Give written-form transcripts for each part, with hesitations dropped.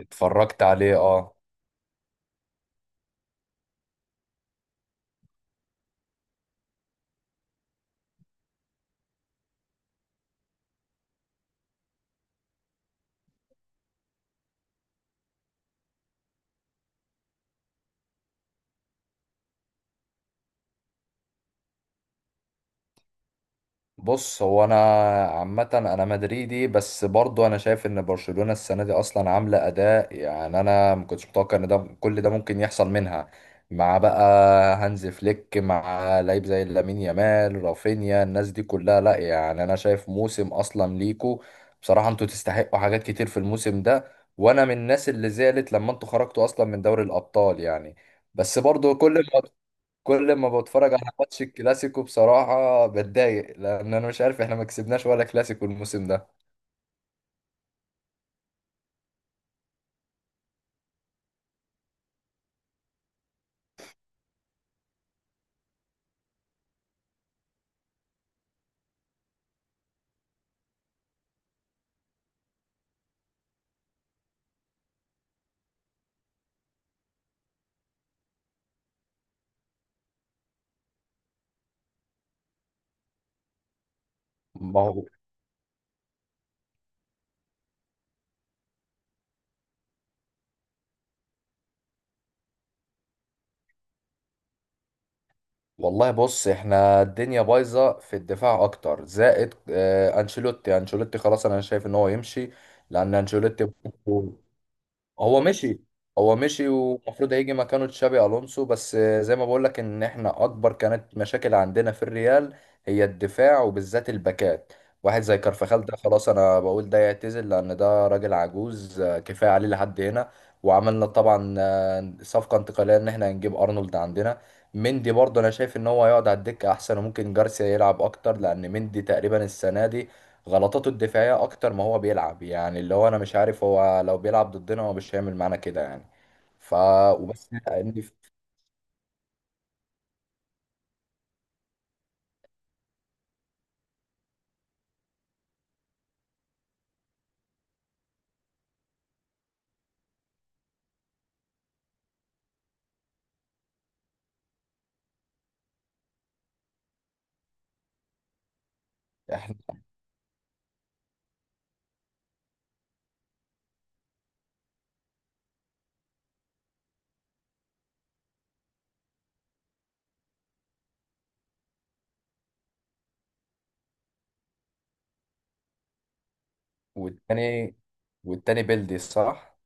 اتفرجت عليه اه. بص، هو انا عامة انا مدريدي، بس برضو انا شايف ان برشلونة السنة دي اصلا عاملة اداء، يعني انا ما كنتش متوقع ان ده كل ده ممكن يحصل منها مع بقى هانز فليك، مع لعيب زي لامين يامال، رافينيا، الناس دي كلها. لا يعني انا شايف موسم اصلا ليكو بصراحة، انتوا تستحقوا حاجات كتير في الموسم ده. وانا من الناس اللي زعلت لما انتوا خرجتوا اصلا من دوري الابطال يعني. بس برضو كل ما بتفرج على ماتش الكلاسيكو بصراحة بتضايق، لأن أنا مش عارف إحنا ما كسبناش ولا كلاسيكو الموسم ده. ما هو والله بص، إحنا الدنيا بايظة في الدفاع أكتر، زائد أنشيلوتي. خلاص أنا شايف إن هو يمشي، لأن أنشيلوتي هو مشي. هو مشي، ومفروض هيجي مكانه تشابي الونسو. بس زي ما بقول لك ان احنا اكبر كانت مشاكل عندنا في الريال هي الدفاع، وبالذات الباكات. واحد زي كارفخال ده خلاص، انا بقول ده يعتزل لان ده راجل عجوز، كفايه عليه لحد هنا. وعملنا طبعا صفقه انتقاليه ان احنا هنجيب ارنولد عندنا. مندي برضه انا شايف ان هو هيقعد على الدكه احسن، وممكن جارسيا يلعب اكتر، لان مندي تقريبا السنه دي غلطاته الدفاعية أكتر ما هو بيلعب، يعني اللي هو أنا مش عارف هو لو بيلعب ضدنا هو مش هيعمل معانا كده يعني. ف وبس إن- إحنا- والتاني، والتاني بيلدي صح؟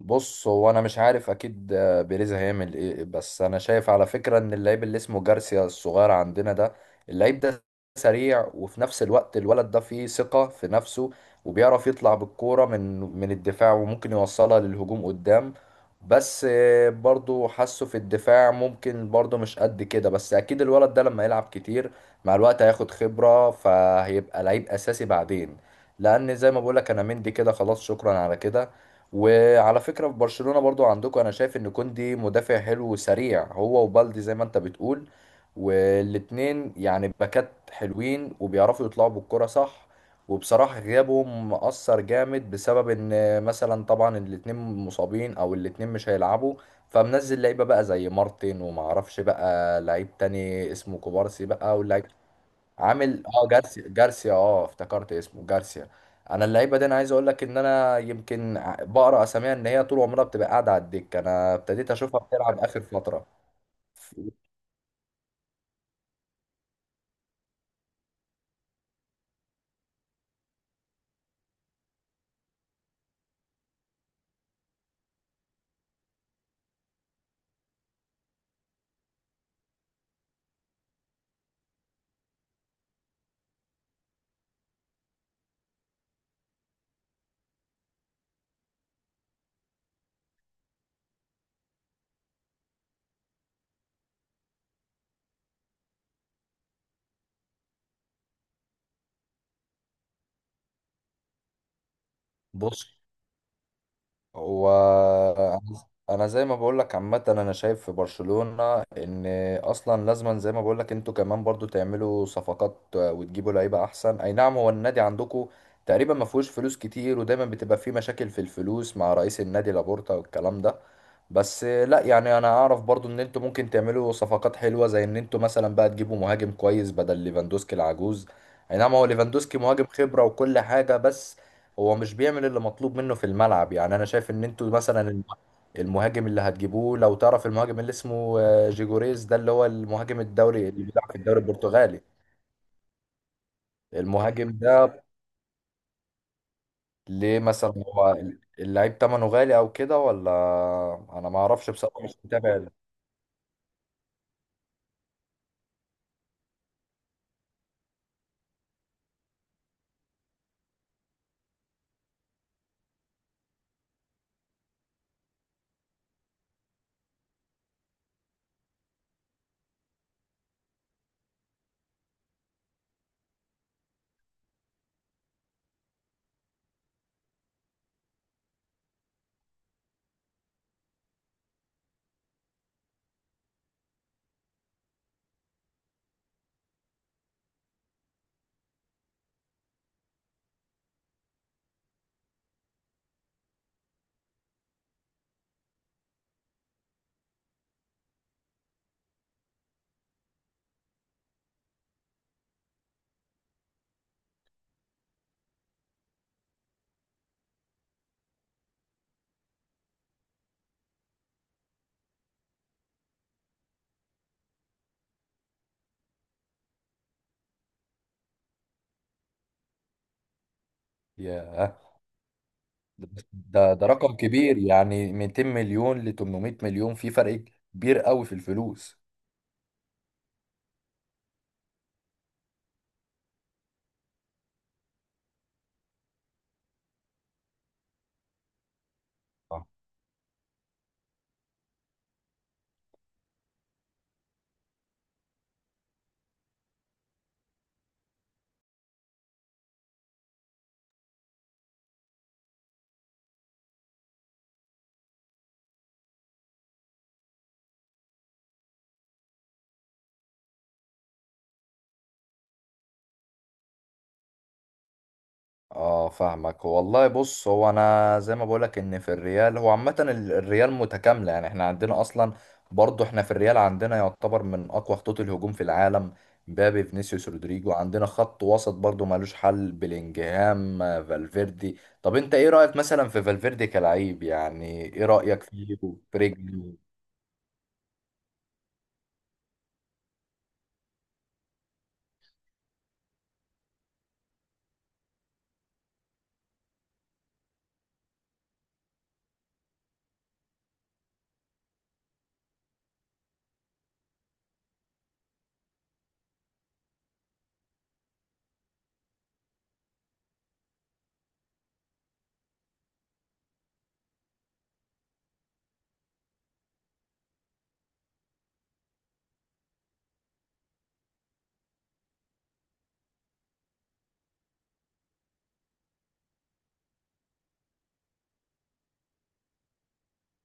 بص هو انا مش عارف اكيد بيريز هيعمل ايه، بس انا شايف على فكره ان اللعيب اللي اسمه جارسيا الصغير عندنا ده، اللعيب ده سريع، وفي نفس الوقت الولد ده فيه ثقه في نفسه، وبيعرف يطلع بالكوره من الدفاع وممكن يوصلها للهجوم قدام. بس برضو حاسه في الدفاع ممكن برضو مش قد كده، بس اكيد الولد ده لما يلعب كتير مع الوقت هياخد خبره، فهيبقى لعيب اساسي بعدين، لان زي ما بقولك انا مندي كده خلاص، شكرا على كده. وعلى فكرة في برشلونة برضو عندكم، انا شايف ان كوندي مدافع حلو وسريع، هو وبالدي زي ما انت بتقول، والاتنين يعني باكات حلوين وبيعرفوا يطلعوا بالكرة صح. وبصراحة غيابهم مأثر جامد، بسبب ان مثلا طبعا الاتنين مصابين او الاتنين مش هيلعبوا، فمنزل لعيبة بقى زي مارتن، ومعرفش بقى لعيب تاني اسمه كوبارسي بقى، واللعيب عامل اه جارسيا اه افتكرت اسمه جارسيا. انا اللعيبه دي انا عايز اقول لك ان انا يمكن بقرا اساميها ان هي طول عمرها بتبقى قاعده على الدكه، انا ابتديت اشوفها بتلعب اخر فتره. بص وانا انا زي ما بقول لك عامه، انا شايف في برشلونه ان اصلا لازما زي ما بقول لك انتوا كمان برضو تعملوا صفقات، وتجيبوا لعيبه احسن. اي نعم هو النادي عندكم تقريبا ما فيهوش فلوس كتير، ودايما بتبقى فيه مشاكل في الفلوس مع رئيس النادي لابورتا والكلام ده. بس لا يعني انا اعرف برضو ان انتوا ممكن تعملوا صفقات حلوه، زي ان انتوا مثلا بقى تجيبوا مهاجم كويس بدل ليفاندوسكي العجوز. اي نعم هو ليفاندوسكي مهاجم خبره وكل حاجه، بس هو مش بيعمل اللي مطلوب منه في الملعب. يعني انا شايف ان انتوا مثلا المهاجم اللي هتجيبوه، لو تعرف المهاجم اللي اسمه جيجوريز ده، اللي هو المهاجم الدوري اللي بيلعب في الدوري البرتغالي. المهاجم ده ليه مثلا هو اللعيب تمنه غالي او كده، ولا انا ما اعرفش بصراحة، مش متابع. ياه، ده رقم كبير يعني 200 مليون ل 800 مليون، في فرق كبير قوي في الفلوس. اه فاهمك والله. بص هو انا زي ما بقولك ان في الريال هو عامة الريال متكاملة، يعني احنا عندنا اصلا برضو، احنا في الريال عندنا يعتبر من اقوى خطوط الهجوم في العالم، مبابي فينيسيوس رودريجو. عندنا خط وسط برضو مالوش حل، بلينجهام، فالفيردي. طب انت ايه رأيك مثلا في فالفيردي كلعيب؟ يعني ايه رأيك فيه؟ برجله.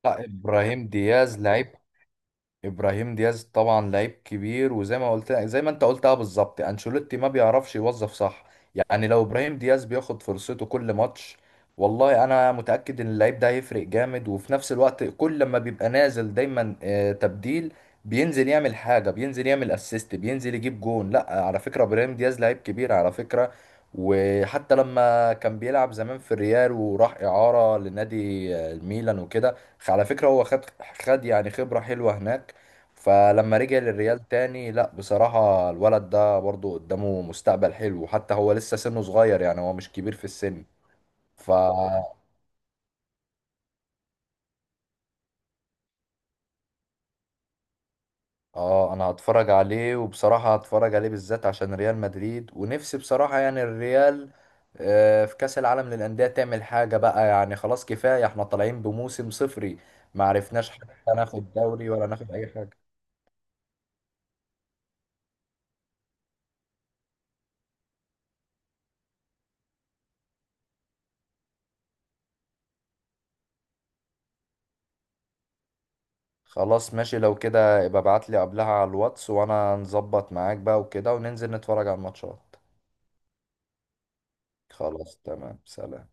لا، ابراهيم دياز لعيب. ابراهيم دياز طبعا لعيب كبير، وزي ما قلت زي ما انت قلتها بالظبط، انشيلوتي ما بيعرفش يوظف صح. يعني لو ابراهيم دياز بياخد فرصته كل ماتش، والله انا متأكد ان اللعيب ده هيفرق جامد. وفي نفس الوقت كل ما بيبقى نازل دايما تبديل، بينزل يعمل حاجة، بينزل يعمل اسيست، بينزل يجيب جون. لا على فكرة ابراهيم دياز لعيب كبير على فكرة. وحتى لما كان بيلعب زمان في الريال وراح إعارة لنادي الميلان وكده، على فكرة هو خد يعني خبرة حلوة هناك. فلما رجع للريال تاني، لا بصراحة الولد ده برضو قدامه مستقبل حلو، وحتى هو لسه سنه صغير، يعني هو مش كبير في السن. ف اه انا هتفرج عليه، وبصراحة هتفرج عليه بالذات عشان ريال مدريد، ونفسي بصراحة يعني الريال في كأس العالم للأندية تعمل حاجة بقى. يعني خلاص كفاية، احنا طالعين بموسم صفري، ما عرفناش حتى ناخد دوري ولا ناخد أي حاجة. خلاص ماشي، لو كده ابقى ابعت لي قبلها على الواتس، وانا نظبط معاك بقى وكده، وننزل نتفرج على الماتشات. خلاص تمام، سلام.